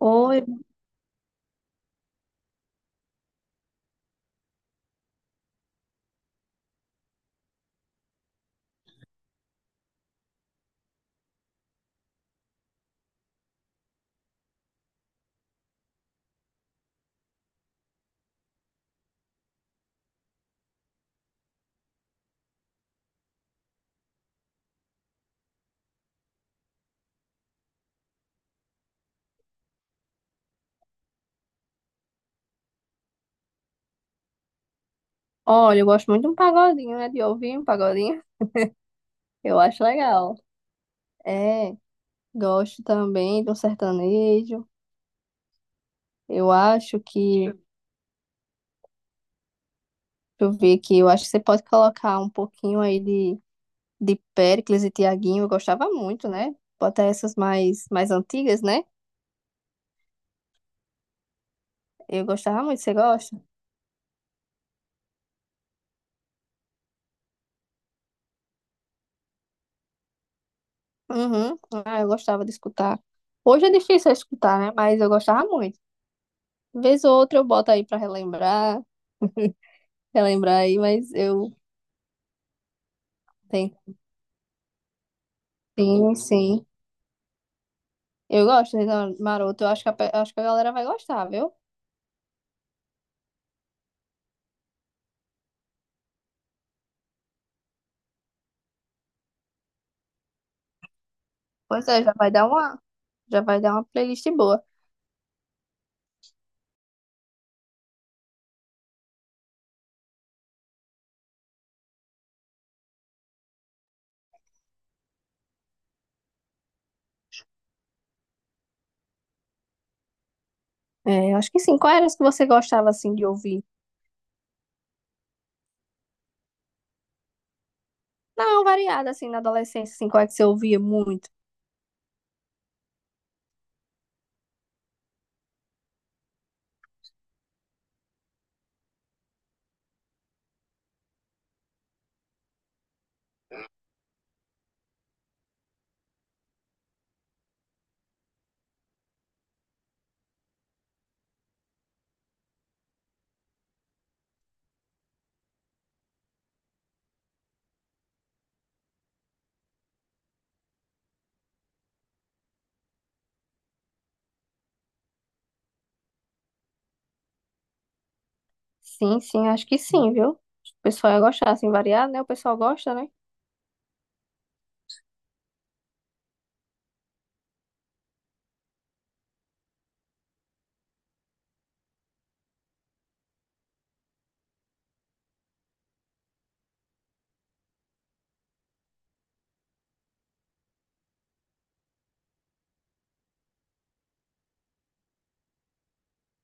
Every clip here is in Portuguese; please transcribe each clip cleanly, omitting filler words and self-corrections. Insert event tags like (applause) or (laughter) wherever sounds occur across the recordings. Oi, olha, eu gosto muito de um pagodinho, né? De ouvir um pagodinho. Eu acho legal. É, gosto também de um sertanejo. Eu acho que, deixa eu ver aqui, eu acho que você pode colocar um pouquinho aí de Péricles e Tiaguinho. Eu gostava muito, né? Botar essas mais antigas, né? Eu gostava muito. Você gosta? Uhum. Ah, eu gostava de escutar. Hoje é difícil eu escutar, né? Mas eu gostava muito. Vez ou outra eu boto aí pra relembrar, relembrar aí, mas eu tenho. Sim, sim. Eu gosto de Ricardo Maroto. Eu acho que acho que a galera vai gostar, viu? Pois é, já vai dar uma playlist boa. É, eu acho que sim. Qual era as que você gostava, assim, de ouvir? Não, variada, assim, na adolescência, assim, qual é que você ouvia muito? Sim, sim, acho que sim, viu? O pessoal ia gostar, assim, variado, né? O pessoal gosta, né?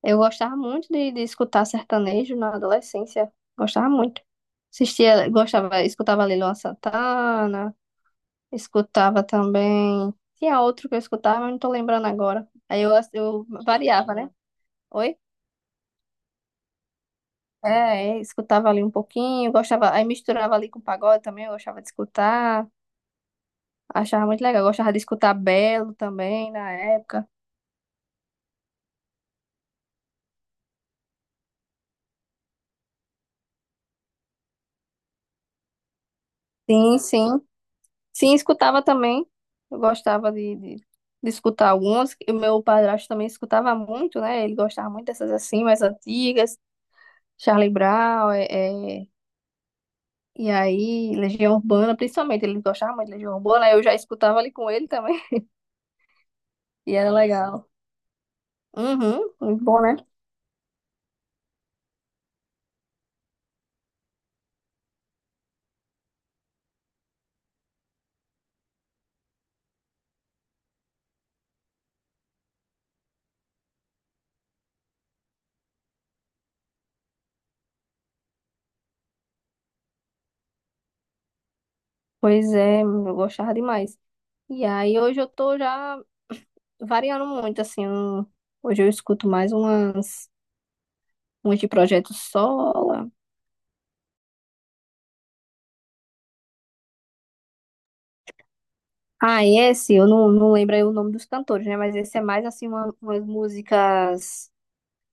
Eu gostava muito de escutar sertanejo na adolescência. Gostava muito. Assistia, gostava, escutava Lila Santana. Escutava também. Tinha outro que eu escutava, mas não tô lembrando agora. Aí eu variava, né? Oi? É, escutava ali um pouquinho, gostava, aí misturava ali com pagode também, eu gostava de escutar, achava muito legal, gostava de escutar Belo também na época. Sim, sim. Sim, escutava também. Eu gostava de escutar algumas. O meu padrasto também escutava muito, né? Ele gostava muito dessas assim, mais antigas, Charlie Brown, é, E aí, Legião Urbana, principalmente, ele gostava muito de Legião Urbana, aí eu já escutava ali com ele também. (laughs) E era legal. Uhum, muito bom, né? Pois é, eu gostava demais. E aí, hoje eu tô já variando muito, assim. Hoje eu escuto mais umas de Projeto Sola. Ah, e esse, eu não lembro aí o nome dos cantores, né? Mas esse é mais, assim, umas músicas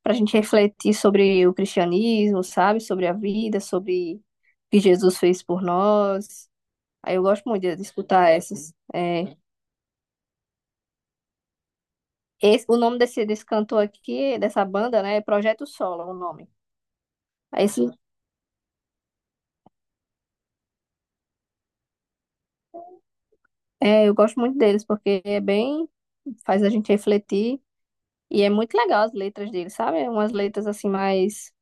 pra gente refletir sobre o cristianismo, sabe? Sobre a vida, sobre o que Jesus fez por nós. Aí eu gosto muito de escutar essas. É, esse, o nome desse cantor aqui, dessa banda, né, é Projeto Solo, o nome. Aí esse, é, eu gosto muito deles, porque é bem, faz a gente refletir, e é muito legal as letras deles, sabe? É Umas letras, assim,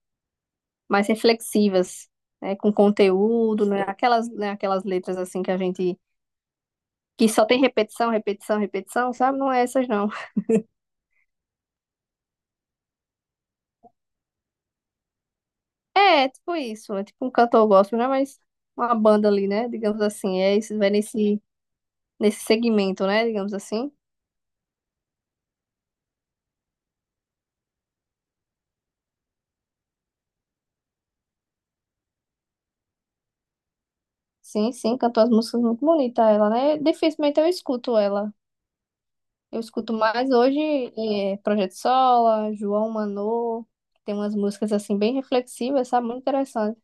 mais reflexivas, né, com conteúdo, né, aquelas letras, assim, que a gente, que só tem repetição, repetição, repetição, sabe? Não é essas, não. (laughs) É, tipo isso, é tipo um cantor gospel, né, mas uma banda ali, né, digamos assim, é, isso, vai nesse segmento, né? Digamos assim. Sim, sim, cantou as músicas muito bonita ela, né? Dificilmente eu escuto ela. Eu escuto mais hoje é, Projeto Sola, João Manô, que tem umas músicas assim bem reflexivas, sabe? Muito interessante.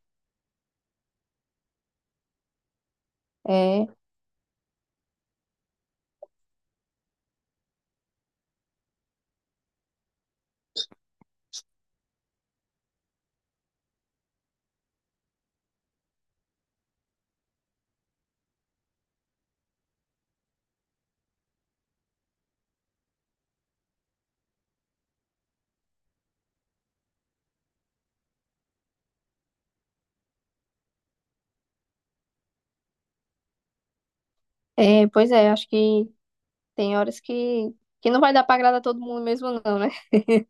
É, pois é, acho que tem horas que não vai dar pra agradar todo mundo mesmo, não, né? (laughs)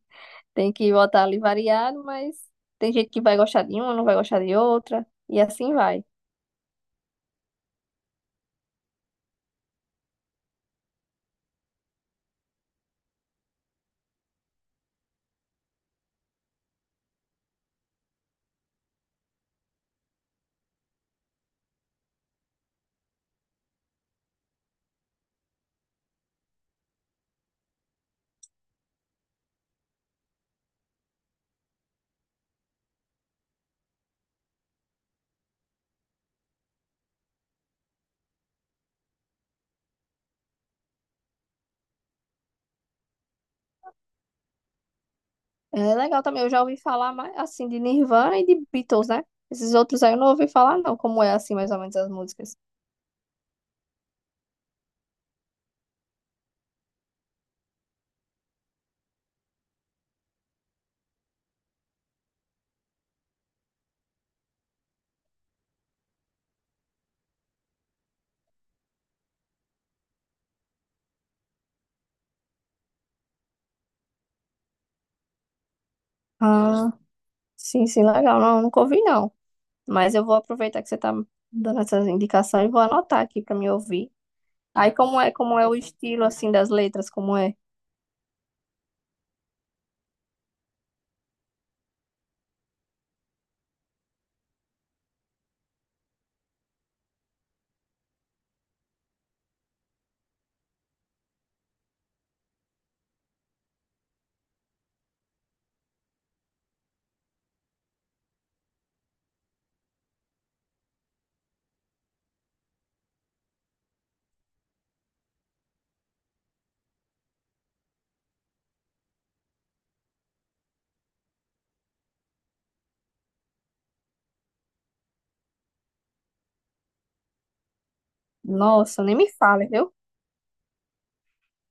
Tem que botar ali variado, mas tem gente que vai gostar de uma, não vai gostar de outra, e assim vai. É legal também, eu já ouvi falar mais assim de Nirvana e de Beatles, né? Esses outros aí eu não ouvi falar, não, como é assim mais ou menos as músicas. Ah, sim, sim, legal. Não, nunca ouvi, não. Mas eu vou aproveitar que você tá dando essas indicações e vou anotar aqui pra me ouvir. Aí como é o estilo assim das letras, como é? Nossa, nem me fale, viu?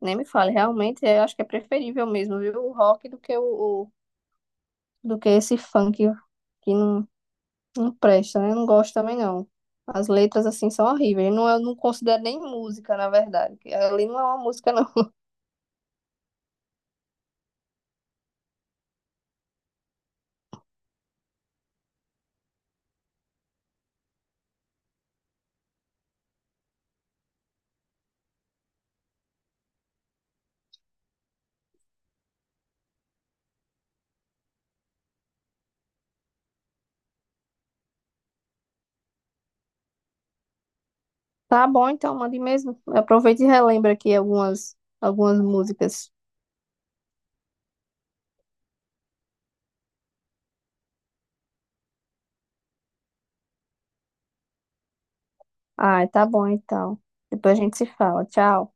Nem me fale. Realmente, eu acho que é preferível mesmo, viu? O rock do que do que esse funk que não, Não presta, né? Eu não gosto também, não. As letras, assim, são horríveis. Não, é, eu não considero nem música, na verdade. Que Ali não é uma música, não. (laughs) Tá bom, então, mande mesmo. Aproveita e relembra aqui algumas, algumas músicas. Ah, tá bom, então. Depois a gente se fala. Tchau.